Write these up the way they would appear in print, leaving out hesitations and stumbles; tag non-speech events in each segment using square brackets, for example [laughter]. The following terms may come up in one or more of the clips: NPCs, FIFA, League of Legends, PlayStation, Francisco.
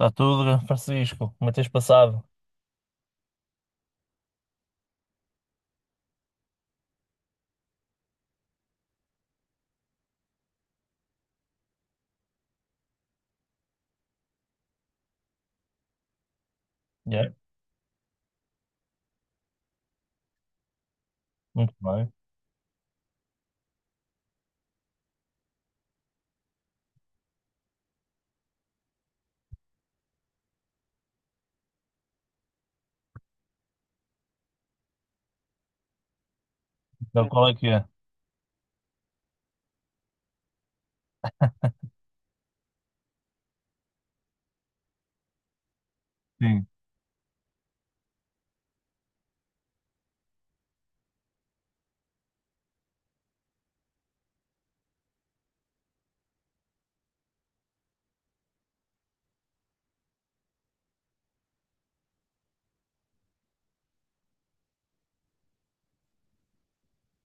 Está tudo, Francisco? Como é que tens passado? Yeah, muito bem. Então, qual é que é? Sim.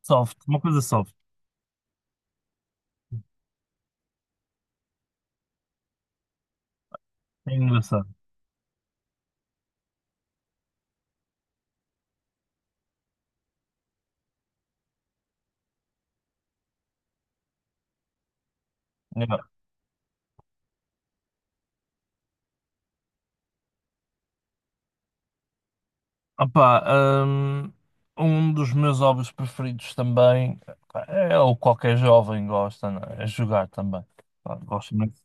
Soft, uma coisa soft. É engraçado. Yeah. Opá, hum, um dos meus hobbies preferidos também pá, é o que qualquer jovem gosta, não é? É jogar também. Pá, gosto muito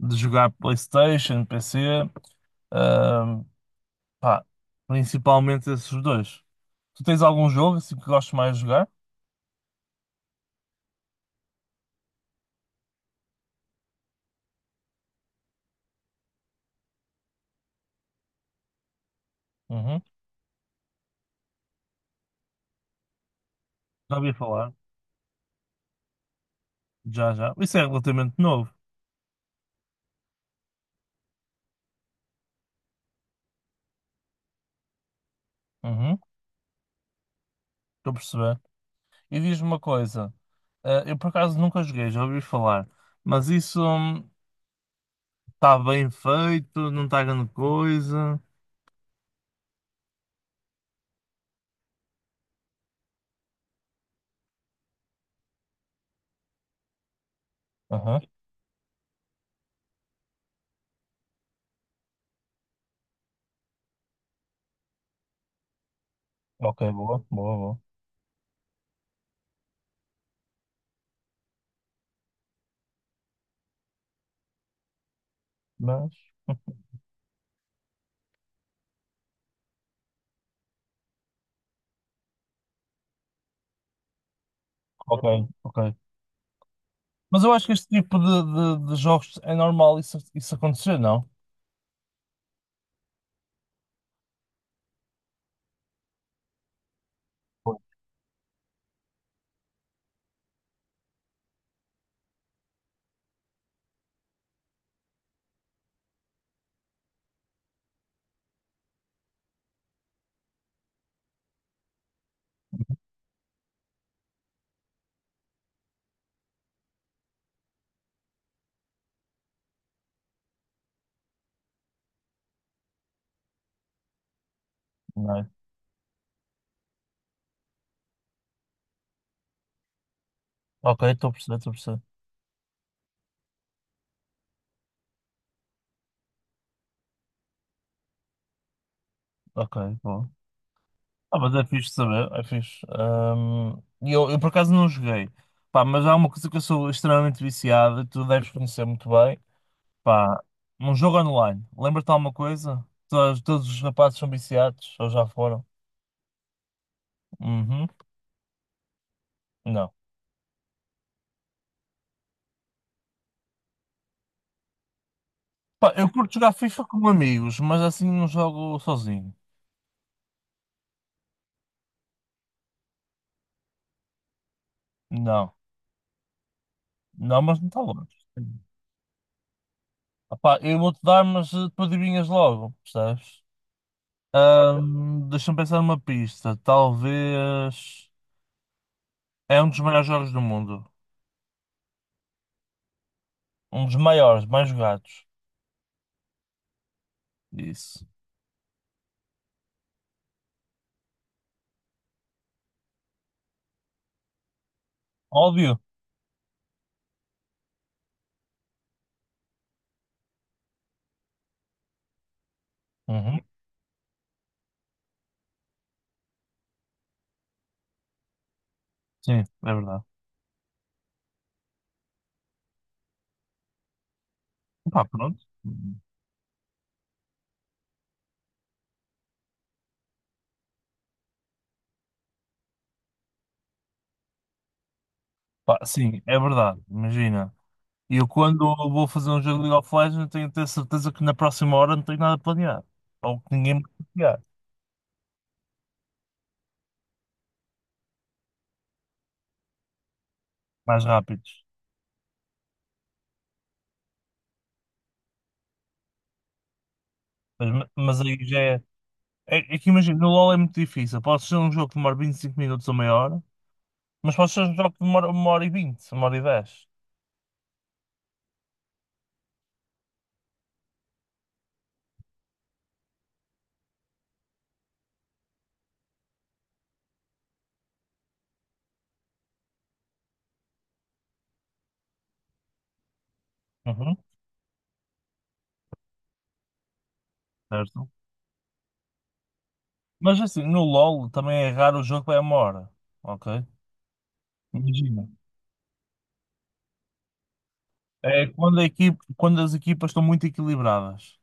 de jogar PlayStation, PC, hum, pá, principalmente esses dois. Tu tens algum jogo assim que gostes mais de jogar? Uhum. Já ouvi falar. Já, já. Isso é relativamente novo. Uhum. Estou a perceber. E diz-me uma coisa, eu por acaso nunca joguei, já ouvi falar, mas isso está bem feito, não está grande coisa. Aham, ok, boa, boa, boa. Mas, [laughs] ok, ok. Mas eu acho que este tipo de jogos é normal isso acontecer, não? Pois. Não é? Ok, estou a perceber, estou a perceber. Ok, boa. Ah, mas é fixe saber, é fixe. E eu por acaso não joguei, pá, mas há uma coisa que eu sou extremamente viciado e tu deves conhecer muito bem. Pá, um jogo online. Lembra-te de alguma coisa? Todos os rapazes são viciados, ou já foram? Uhum. Não. Pá, eu curto jogar FIFA com amigos, mas assim não jogo sozinho. Não. Não, mas não está longe. Ah pá, eu vou-te dar, mas tu adivinhas logo, percebes? Deixa-me pensar numa pista. Talvez. É um dos maiores jogos do mundo. Um dos maiores, mais jogados. Isso. Óbvio. Uhum. Sim, é verdade. Pá, pronto. Pá, sim, é verdade, imagina. Eu quando vou fazer um jogo de League of Legends tenho de ter certeza que na próxima hora não tenho nada planeado. Ou que ninguém me copiar. Mais rápidos. Mas aí já é que imagina, no LoL é muito difícil. Pode ser um jogo que demora 25 minutos ou meia hora, mas pode ser um jogo que demora uma hora e vinte, uma hora e dez. Uhum, certo. Mas assim, no LoL também é raro o jogo que é uma hora. Ok? Imagina. É quando, a equipe, quando as equipas estão muito equilibradas.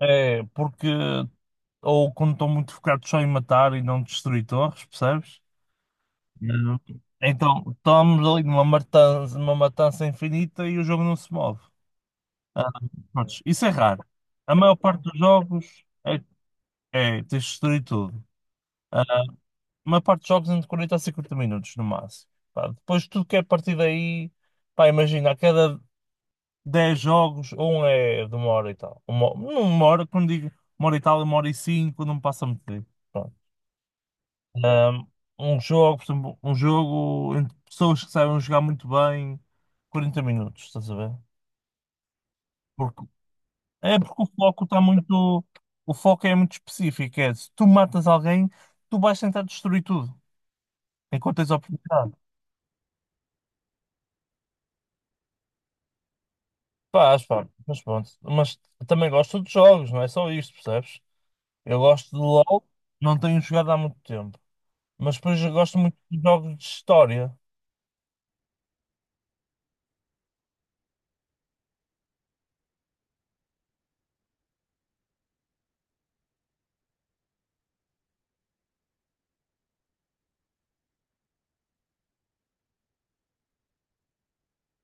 É, porque ou quando estão muito focados só em matar e não destruir torres, percebes? Não. Então, estamos ali numa matança infinita e o jogo não se move. Ah, prontos, isso é raro. A maior parte dos jogos é tens de destruir tudo. Ah, a maior parte dos jogos é entre 40 a 50 minutos no máximo. Pá, depois tudo que é a partir daí, pá, imagina, a cada 10 jogos, um é de uma hora e tal. Uma, não uma hora, quando digo uma hora e tal, é uma hora e cinco, não passa muito tempo. Um, um jogo, por exemplo, um jogo entre pessoas que sabem jogar muito bem, 40 minutos, estás a ver? Porque, é porque o foco está muito. O foco é muito específico. É, se tu matas alguém, tu vais tentar destruir tudo, enquanto tens a oportunidade. Pá, pá, mas pronto. Mas também gosto de jogos, não é só isto, percebes? Eu gosto de LOL, não tenho jogado há muito tempo. Mas depois eu gosto muito de jogos de história.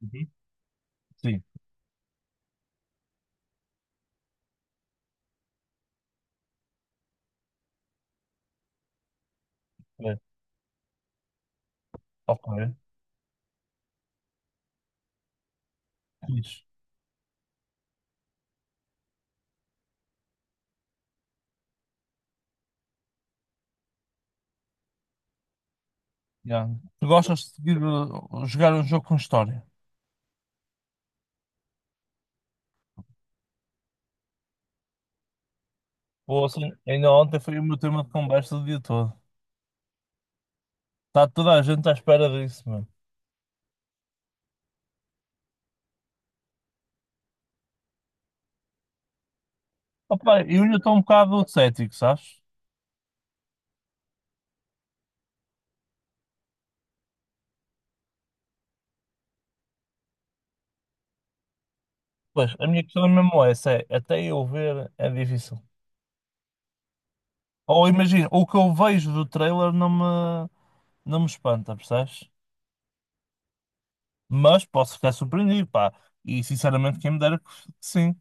Uhum. Sim, é. Ok. Fixe. Yeah. Tu gostas de seguir, jogar um jogo com história? Ou assim, ainda ontem foi o meu tema de conversa o dia todo. Está toda a gente à espera disso, mano. Opa, eu ainda estou um bocado cético, sabes? Pois, a minha questão é mesmo é essa, é até eu ver é difícil. Ou imagina, o que eu vejo do trailer não me espanta, percebes? Mas posso ficar surpreendido, pá. E sinceramente, quem me dera que sim.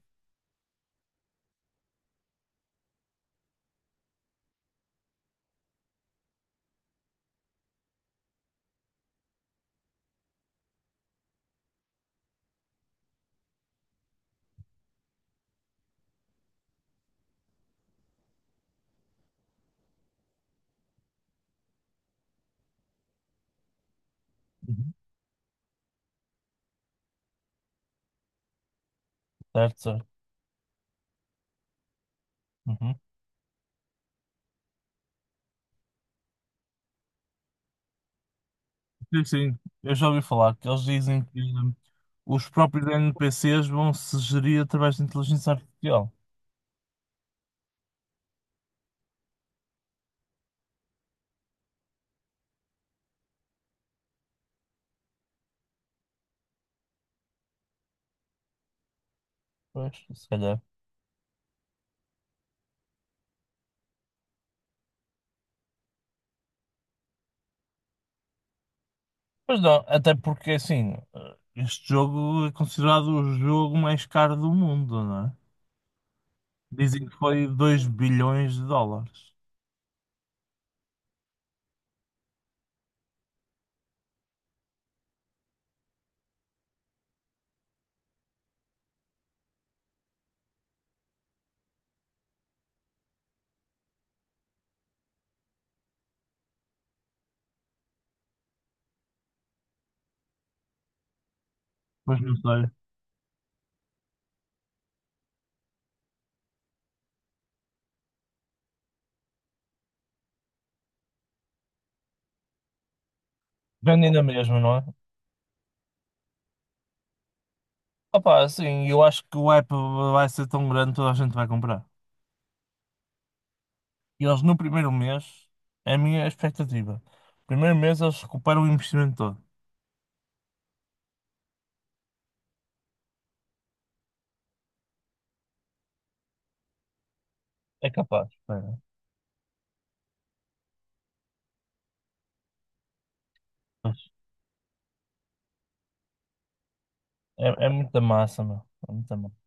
Uhum. Certo, certo. Uhum. Sim, sim, eu já ouvi falar que eles dizem que os próprios NPCs vão se gerir através de inteligência artificial. Pois, se calhar. Pois não, até porque assim, este jogo é considerado o jogo mais caro do mundo, não é? Dizem que foi 2 bilhões de dólares. Pois não sei. Vende ainda mesmo, não é? Opá, assim, eu acho que o hype vai ser tão grande, que toda a gente vai comprar. E eles no primeiro mês, é a minha expectativa. Primeiro mês eles recuperam o investimento todo. É capaz, espera. Pois, é muita massa, meu. É muita massa.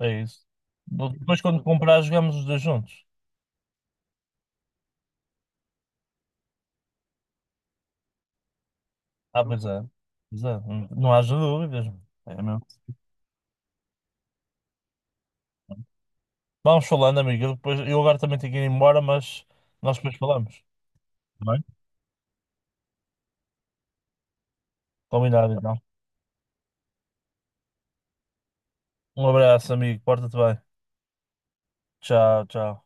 É isso. Depois, quando comprar, jogamos os dois juntos. Ah, pois é. Pois é. Não haja dúvidas, meu. É mesmo. Vamos falando, amigo. Eu, depois, eu agora também tenho que ir embora, mas nós depois falamos. Tá bem? Combinado, então. Um abraço, amigo. Porta-te bem. Tchau, tchau.